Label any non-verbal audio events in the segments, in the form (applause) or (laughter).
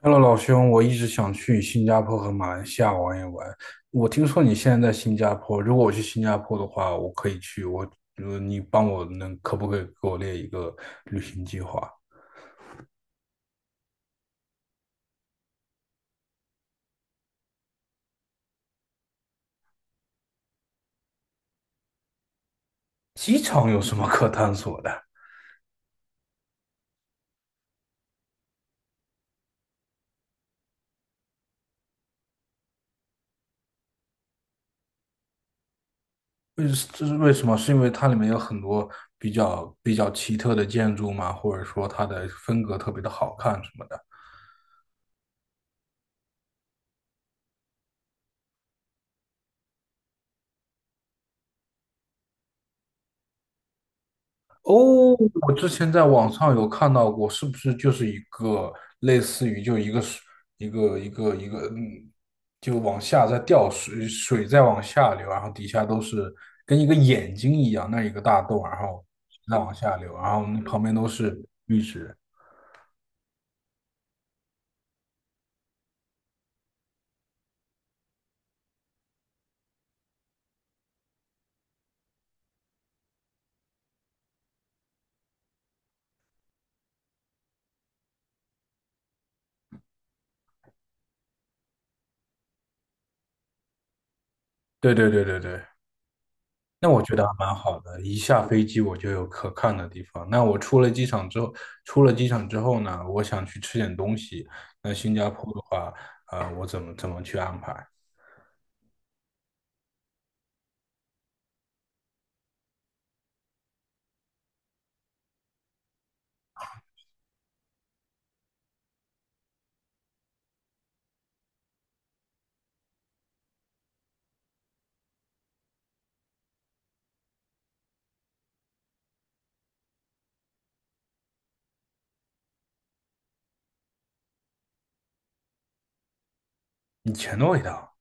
Hello，老兄，我一直想去新加坡和马来西亚玩一玩。我听说你现在在新加坡，如果我去新加坡的话，我可以去。你帮我能可不可以给我列一个旅行计划？机场有什么可探索的？为这是为什么？是因为它里面有很多比较奇特的建筑吗？或者说它的风格特别的好看什么的？我之前在网上有看到过，是不是就是一个类似于就一个水一个，就往下在掉水，水在往下流，然后底下都是跟一个眼睛一样，那一个大洞，然后再往下流，然后那旁边都是绿植。对对对对对，那我觉得还蛮好的，一下飞机我就有可看的地方。那我出了机场之后，出了机场之后呢，我想去吃点东西。那新加坡的话，我怎么去安排？以前的味道，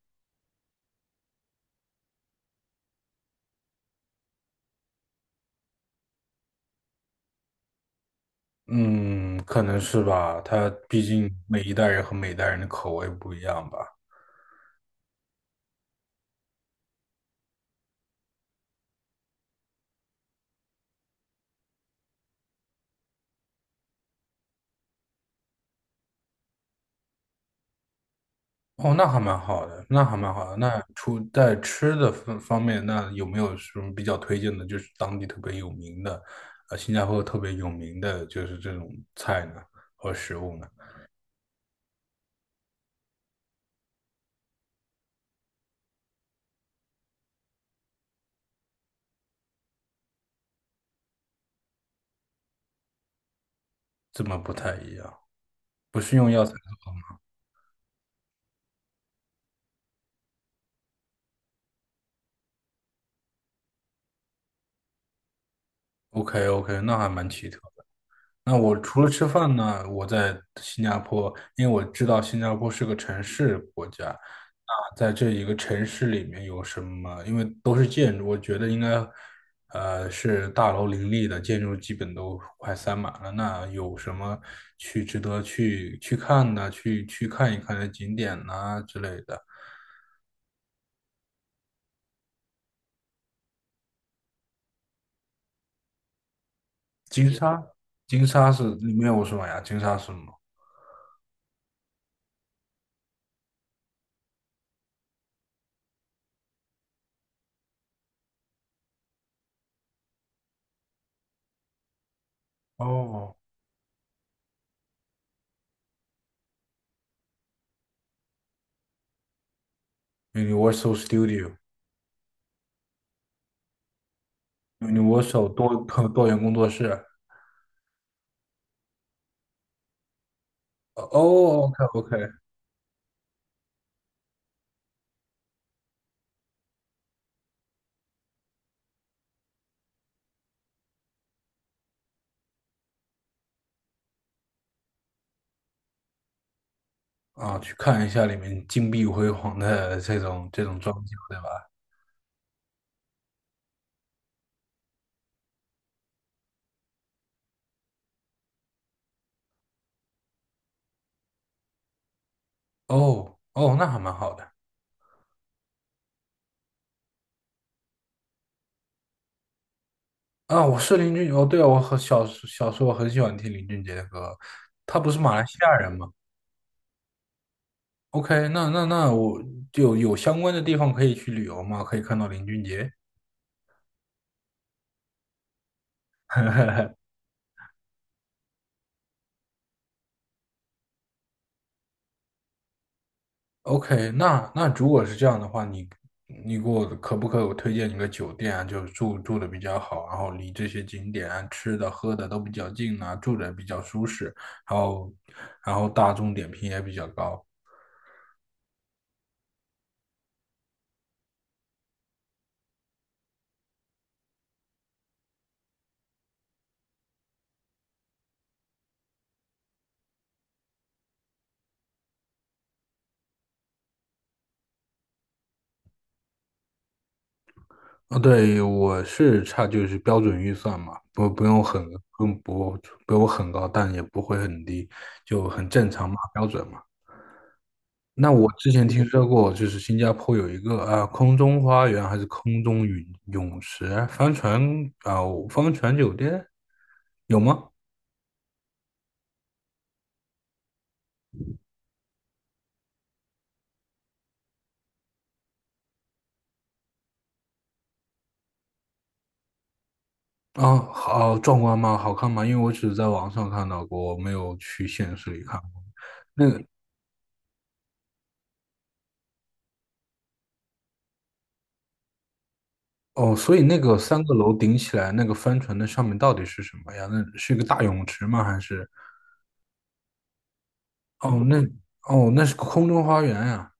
嗯，可能是吧。他毕竟每一代人和每一代人的口味不一样吧。哦，那还蛮好的，那还蛮好的。那除在吃的方方面，那有没有什么比较推荐的，就是当地特别有名的，新加坡特别有名的就是这种菜呢，和食物呢？这么不太一样，不是用药材。OK OK，那还蛮奇特。那我除了吃饭呢，我在新加坡，因为我知道新加坡是个城市国家，那在这一个城市里面有什么？因为都是建筑，我觉得应该，是大楼林立的，建筑基本都快塞满了。那有什么值得去看的，去看一看的景点呐之类的？金沙，金沙是里面有什么呀？金沙是什么？哦，Universal Studio，Universal 多 (laughs) 多元工作室。哦，OK OK，啊，去看一下里面金碧辉煌的这种装修，对吧？哦哦，那还蛮好的啊。我是林俊，哦，对啊，我很小时候很喜欢听林俊杰的歌，他不是马来西亚人吗？OK，那我就有相关的地方可以去旅游吗？可以看到林俊杰？(laughs) OK，那那如果是这样的话，你给我可不可以推荐一个酒店啊？就是住的比较好，然后离这些景点啊吃的喝的都比较近啊，住的比较舒适，然后然后大众点评也比较高。哦，对，我是差就是标准预算嘛，不不不用很高，但也不会很低，就很正常嘛，标准嘛。那我之前听说过，就是新加坡有一个啊，空中花园还是空中泳池、啊、帆船酒店有吗？啊，好壮观吗？好看吗？因为我只是在网上看到过，我没有去现实里看过。那个哦，所以那个三个楼顶起来，那个帆船的上面到底是什么呀？那是一个大泳池吗？还是哦，哦，那是个空中花园呀、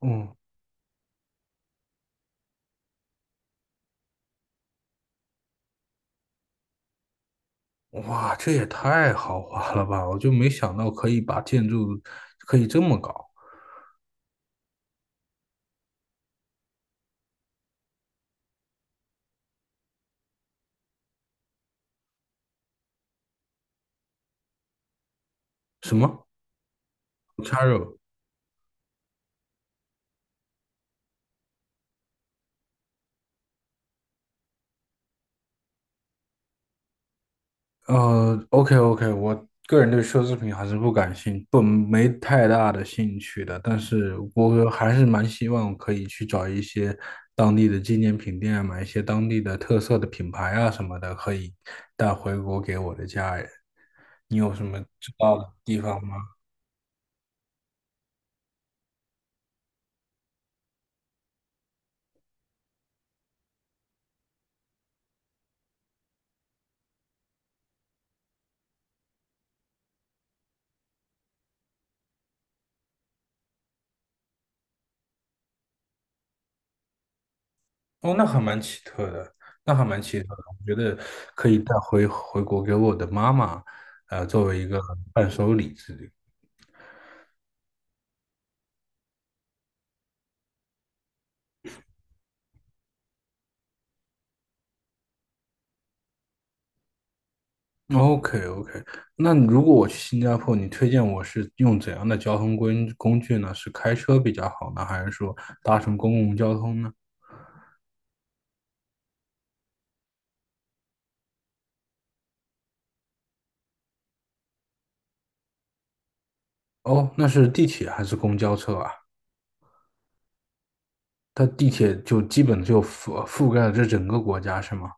哦，哇，这也太豪华了吧！我就没想到可以把建筑可以这么搞。什么 CARO OK OK，我个人对奢侈品还是不感兴，不没太大的兴趣的。但是我还是蛮希望可以去找一些当地的纪念品店啊，买一些当地的特色的品牌啊什么的，可以带回国给我的家人。你有什么知道的地方吗？哦，那还蛮奇特的，那还蛮奇特的。我觉得可以带回国给我的妈妈，作为一个伴手礼之类。OK OK，那如果我去新加坡，你推荐我是用怎样的交通工具呢？是开车比较好呢，还是说搭乘公共交通呢？哦，那是地铁还是公交车啊？它地铁就基本就覆盖了这整个国家，是吗？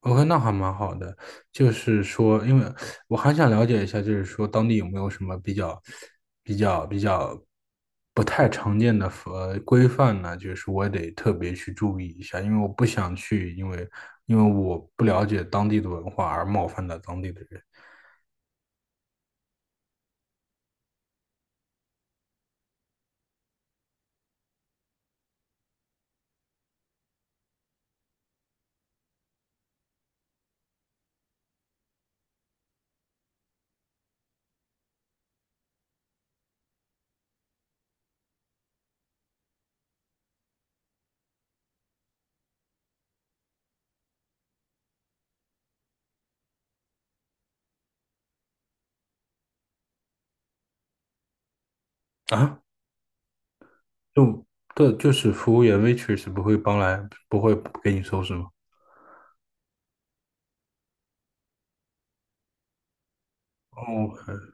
OK，那还蛮好的。就是说，因为我还想了解一下，就是说当地有没有什么比较不太常见的规范呢？就是我得特别去注意一下，因为我不想去，因为我不了解当地的文化而冒犯到当地的人啊。就对，就是服务员 waitress 不会帮来，不会给你收拾吗？OK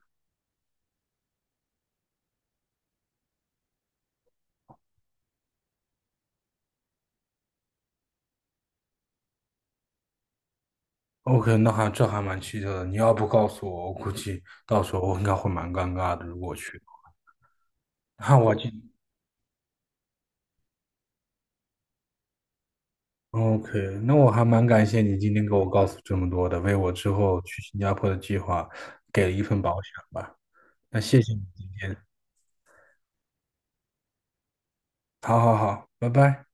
OK，那还这还蛮奇特的。你要不告诉我，我估计到时候我应该会蛮尴尬的，如果去。(laughs) 那我今 OK，那我还蛮感谢你今天给我告诉这么多的，为我之后去新加坡的计划给了一份保险吧。那谢谢你今天，好好好，拜拜。